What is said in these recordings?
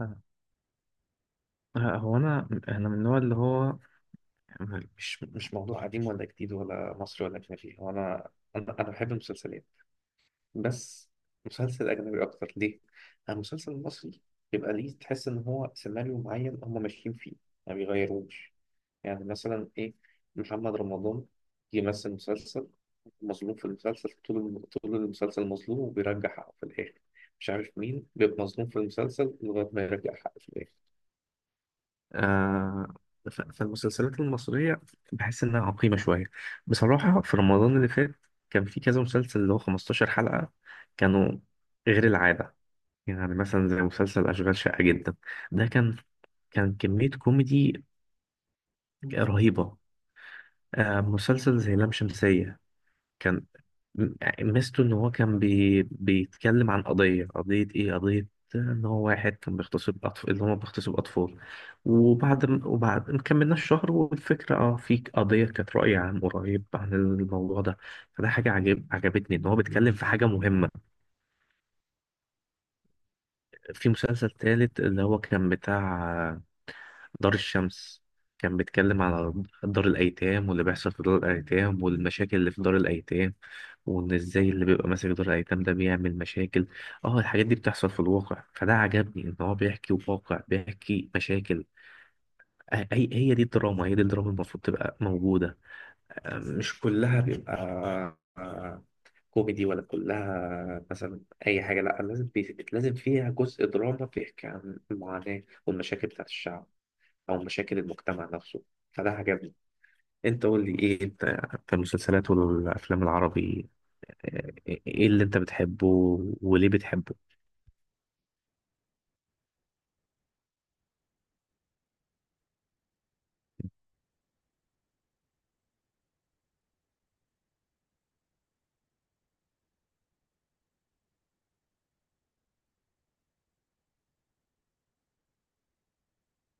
آه، هو انا من النوع اللي هو يعني مش موضوع قديم ولا جديد ولا مصري ولا اجنبي هو انا بحب المسلسلات. بس مسلسل اجنبي اكتر ليه. أنا المسلسل المصري بيبقى ليه تحس ان هو سيناريو معين هم ماشيين فيه ما بيغيروش. يعني مثلا ايه، محمد رمضان يمثل مسلسل مظلوم في المسلسل، طول المسلسل مظلوم وبيرجع حقه في الاخر. مش عارف مين بيبقى مظلوم في المسلسل لغايه ما يرجع حقه في الاخر. آه، فالمسلسلات المصرية بحس إنها عقيمة شوية. بصراحة في رمضان اللي فات كان في كذا مسلسل اللي هو 15 حلقة، كانوا غير العادة. يعني مثلا زي مسلسل أشغال شقة جدا، ده كان كمية كوميدي رهيبة. آه، مسلسل زي لام شمسية كان ميزته ان هو كان بيتكلم عن قضيه. قضيه ايه؟ قضيه ان هو واحد كان بيغتصب اطفال، اللي هو بيغتصب اطفال. وبعد ما كملناش شهر والفكره، اه، في قضيه كانت راي عام قريب عن الموضوع ده. فده حاجه عجبتني، ان هو بيتكلم في حاجه مهمه. في مسلسل تالت اللي هو كان بتاع دار الشمس، كان بيتكلم على دار الأيتام واللي بيحصل في دار الأيتام والمشاكل اللي في دار الأيتام، وإن إزاي اللي بيبقى ماسك دار الأيتام ده بيعمل مشاكل. اه الحاجات دي بتحصل في الواقع، فده عجبني إن هو بيحكي واقع، بيحكي مشاكل. آه، هي دي الدراما، هي دي الدراما المفروض تبقى موجودة. آه، مش كلها بيبقى كوميدي، ولا كلها مثلا أي حاجة. لأ، لازم لازم فيها جزء دراما بيحكي عن المعاناة والمشاكل بتاعت الشعب أو مشاكل المجتمع نفسه. فده عجبني. أنت قول لي إيه أنت في المسلسلات والأفلام العربي، آه، إيه اللي أنت بتحبه وليه بتحبه؟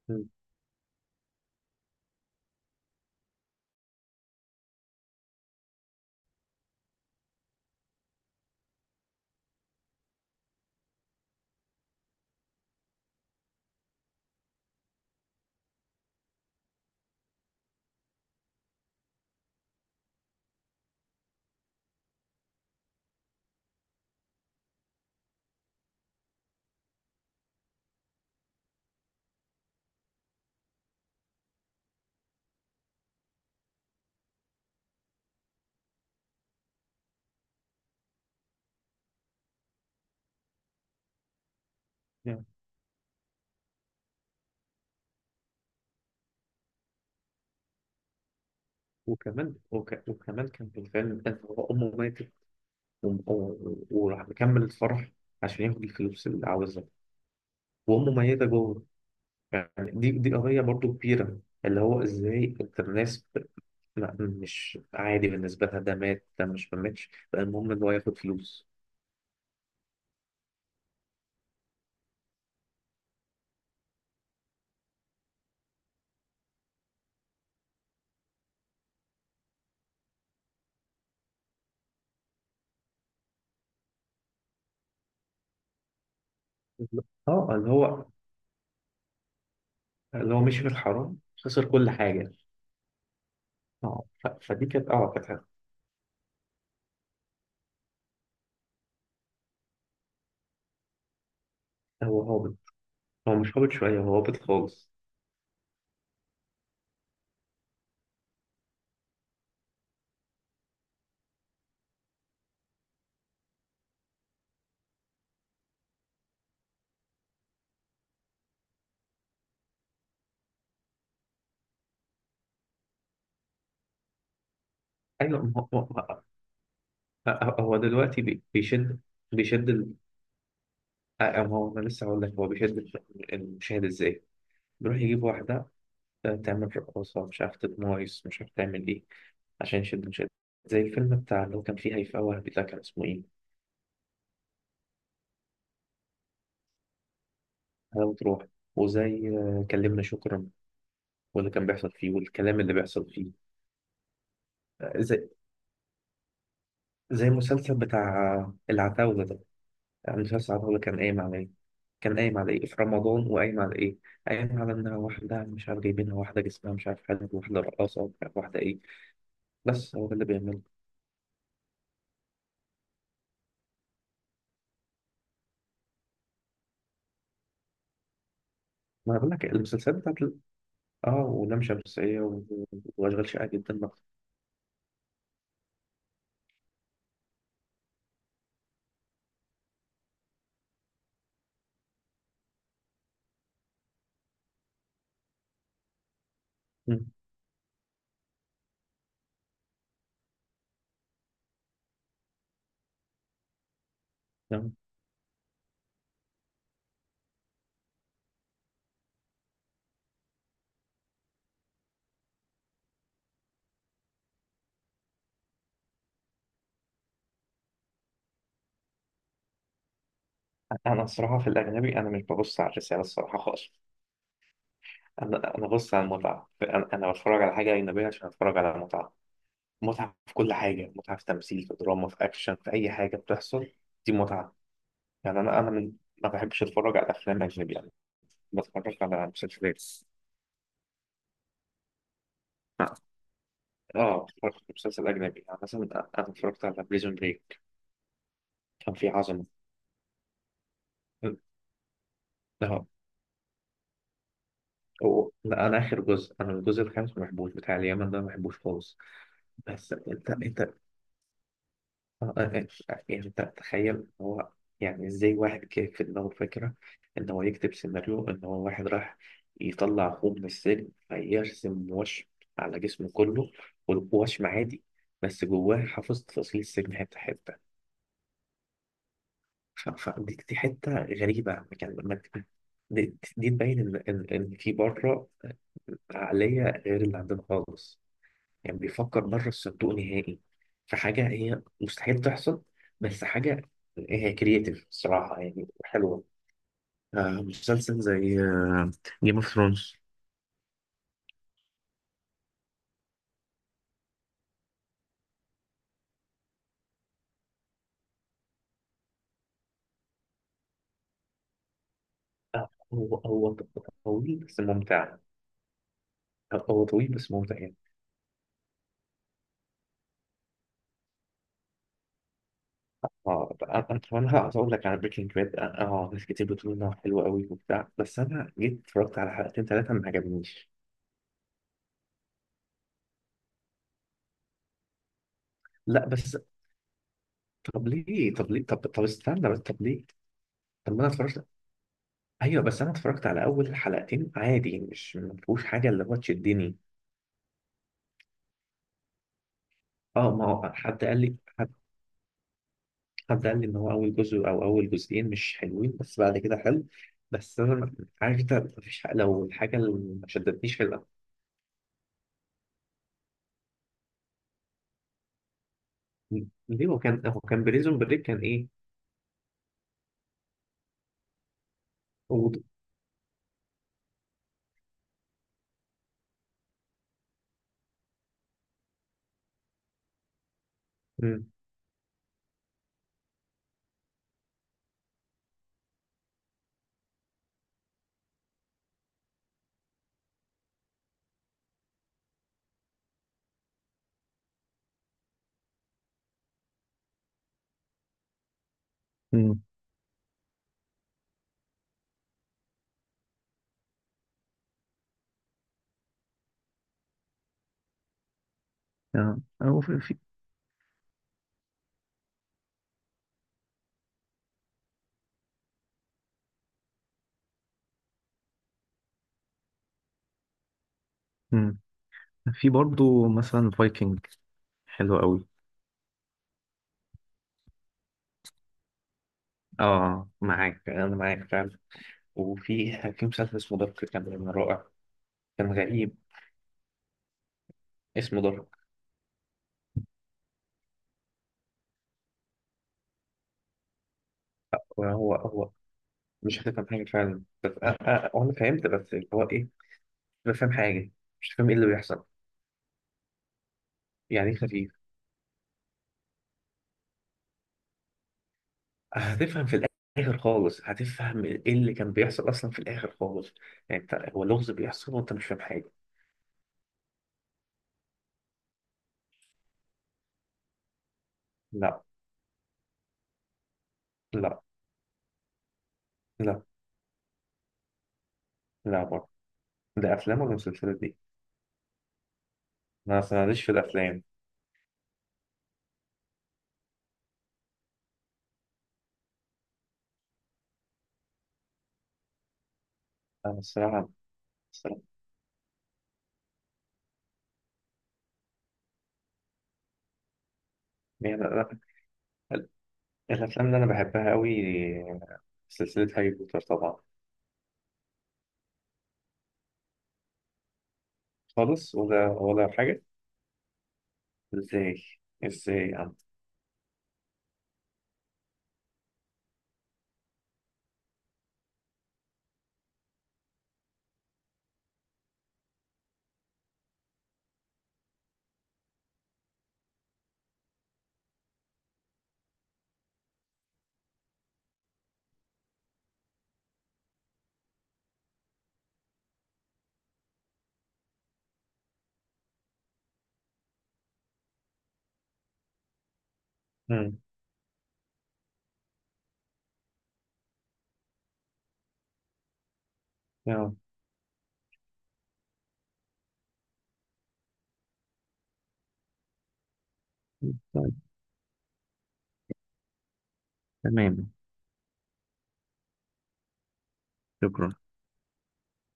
مم. نعم. وكمان كان في الفيلم، أنت هو أمه ماتت وراح مكمل الفرح عشان ياخد الفلوس اللي عاوزها، وأمه ميتة جوه. يعني دي قضية برضو كبيرة، اللي هو ازاي انت الناس لا، مش عادي بالنسبة لها، ده مات، ده مش ما ماتش بقى، المهم ان هو ياخد فلوس. اه اللي هو، اللي هو مشي في الحرام، خسر كل حاجة. اه فدي كانت اه كانت حاجة. هو هابط، هو مش هابط شوية، هو هابط خالص. ايوه، ما هو ما هو دلوقتي بيشد ال... آه، ما هو انا لسه هقول لك هو بيشد المشاهد ازاي. بيروح يجيب واحدة تعمل رقاصة، مش عارف تتمايص، مش عارف تعمل ايه، عشان يشد مشاهد. زي الفيلم بتاع اللي هو كان فيه هيفاء وهبي، ده كان اسمه إيه؟ هلا وتروح. وزي آه، كلمنا شكرا، واللي كان بيحصل فيه والكلام اللي بيحصل فيه. آه، زي المسلسل بتاع آه، العتاولة ده. يعني مسلسل العتاولة كان قايم على إيه؟ كان قايم على إيه في رمضان وقايم على إيه؟ قايم على إنها واحدة مش عارف جايبينها، واحدة جسمها مش عارف حاجة، واحدة رقاصة مش عارف، واحدة إيه. بس هو ده اللي بيعمله. ما أنا بقول لك المسلسلات بتاعت آه، ولام شمسية وأشغال شقة جدا بقى. انا الصراحه في الاجنبي انا مش ببص على الرساله الصراحه خالص. انا ببص على المتعه، انا بتفرج على حاجه اجنبيه عشان اتفرج على متعه. متعه في كل حاجه، متعه في تمثيل، في دراما، في اكشن، في اي حاجه بتحصل، دي متعه. يعني انا من، ما بحبش اتفرج على افلام اجنبي، يعني بتفرج على مسلسلات. اه، آه، اتفرجت على مسلسل اجنبي يعني مثلا، انا اتفرجت على بريزون بريك، كان فيه عظمه. اه، هو لا، انا اخر جزء، انا الجزء الخامس ما بحبوش، بتاع اليمن ده ما بحبوش خالص. بس انت آه، آه، آه، يعني انت تخيل هو، يعني ازاي واحد كان في دماغه فكرة ان هو يكتب سيناريو، ان هو واحد راح يطلع اخوه من السجن فيرسم وشم على جسمه كله، والوشم عادي، بس جواه حافظ تفاصيل السجن حتة حتة. فدي دي حتة غريبة. يعني ما ت- دي تبين ان ان إن في بره عقلية غير اللي عندنا خالص، يعني بيفكر بره الصندوق نهائي، في حاجة هي مستحيل تحصل، بس حاجة هي كرييتيف الصراحة يعني حلوة. آه، مسلسل زي جيم اوف ثرونز، هو طويل بس ممتع. آه، هو طويل بس ممتع يعني. اه انا هقعد اقول لك على بريكنج باد، اه آه، ناس كتير بتقول انه حلو قوي وبتاع، بس انا جيت اتفرجت على حلقتين ثلاثه ما عجبنيش. لا بس، طب ليه طب استنى بس، طب ليه؟ طب ما انا اتفرجت. ايوه بس انا اتفرجت على اول حلقتين عادي، مش ما فيهوش حاجه اللي هو تشدني. اه ما هو حد قال لي ان هو اول جزء او اول جزئين مش حلوين بس بعد كده حلو. بس انا ما- عارف انت ما فيش لو الحاجه اللي ما شدتنيش حلوه. ليه هو كان، هو كان بريزون بريك كان ايه. هو، مم. امم، آه. أو في مم. في برضه مثلا فايكنج، حلو قوي. اه معاك، انا معاك فعلا. وفي، في مسلسل اسمه دارك، كان رائع، كان غريب. اسمه دارك. هو مش هتفهم حاجة فعلا، بس أنا فهمت بس اللي هو إيه، مش فاهم حاجة، مش فاهم إيه اللي بيحصل. يعني إيه خفيف؟ هتفهم في الآخر خالص، هتفهم إيه اللي كان بيحصل أصلا في الآخر خالص. يعني أنت هو لغز بيحصل وأنت مش فاهم حاجة. لا. لا. لا. لا برضه. ده أفلام ولا مسلسلات دي؟ أنا أصلا ماليش في الأفلام. أنا الصراحة، الصراحة يعني، أنا- الأفلام اللي أنا بحبها أوي سلسلة هاري بوتر طبعا. خالص، ولا حاجة. إزاي؟ إزاي يا عم؟ يا رب. طيب، تمام. شكرا.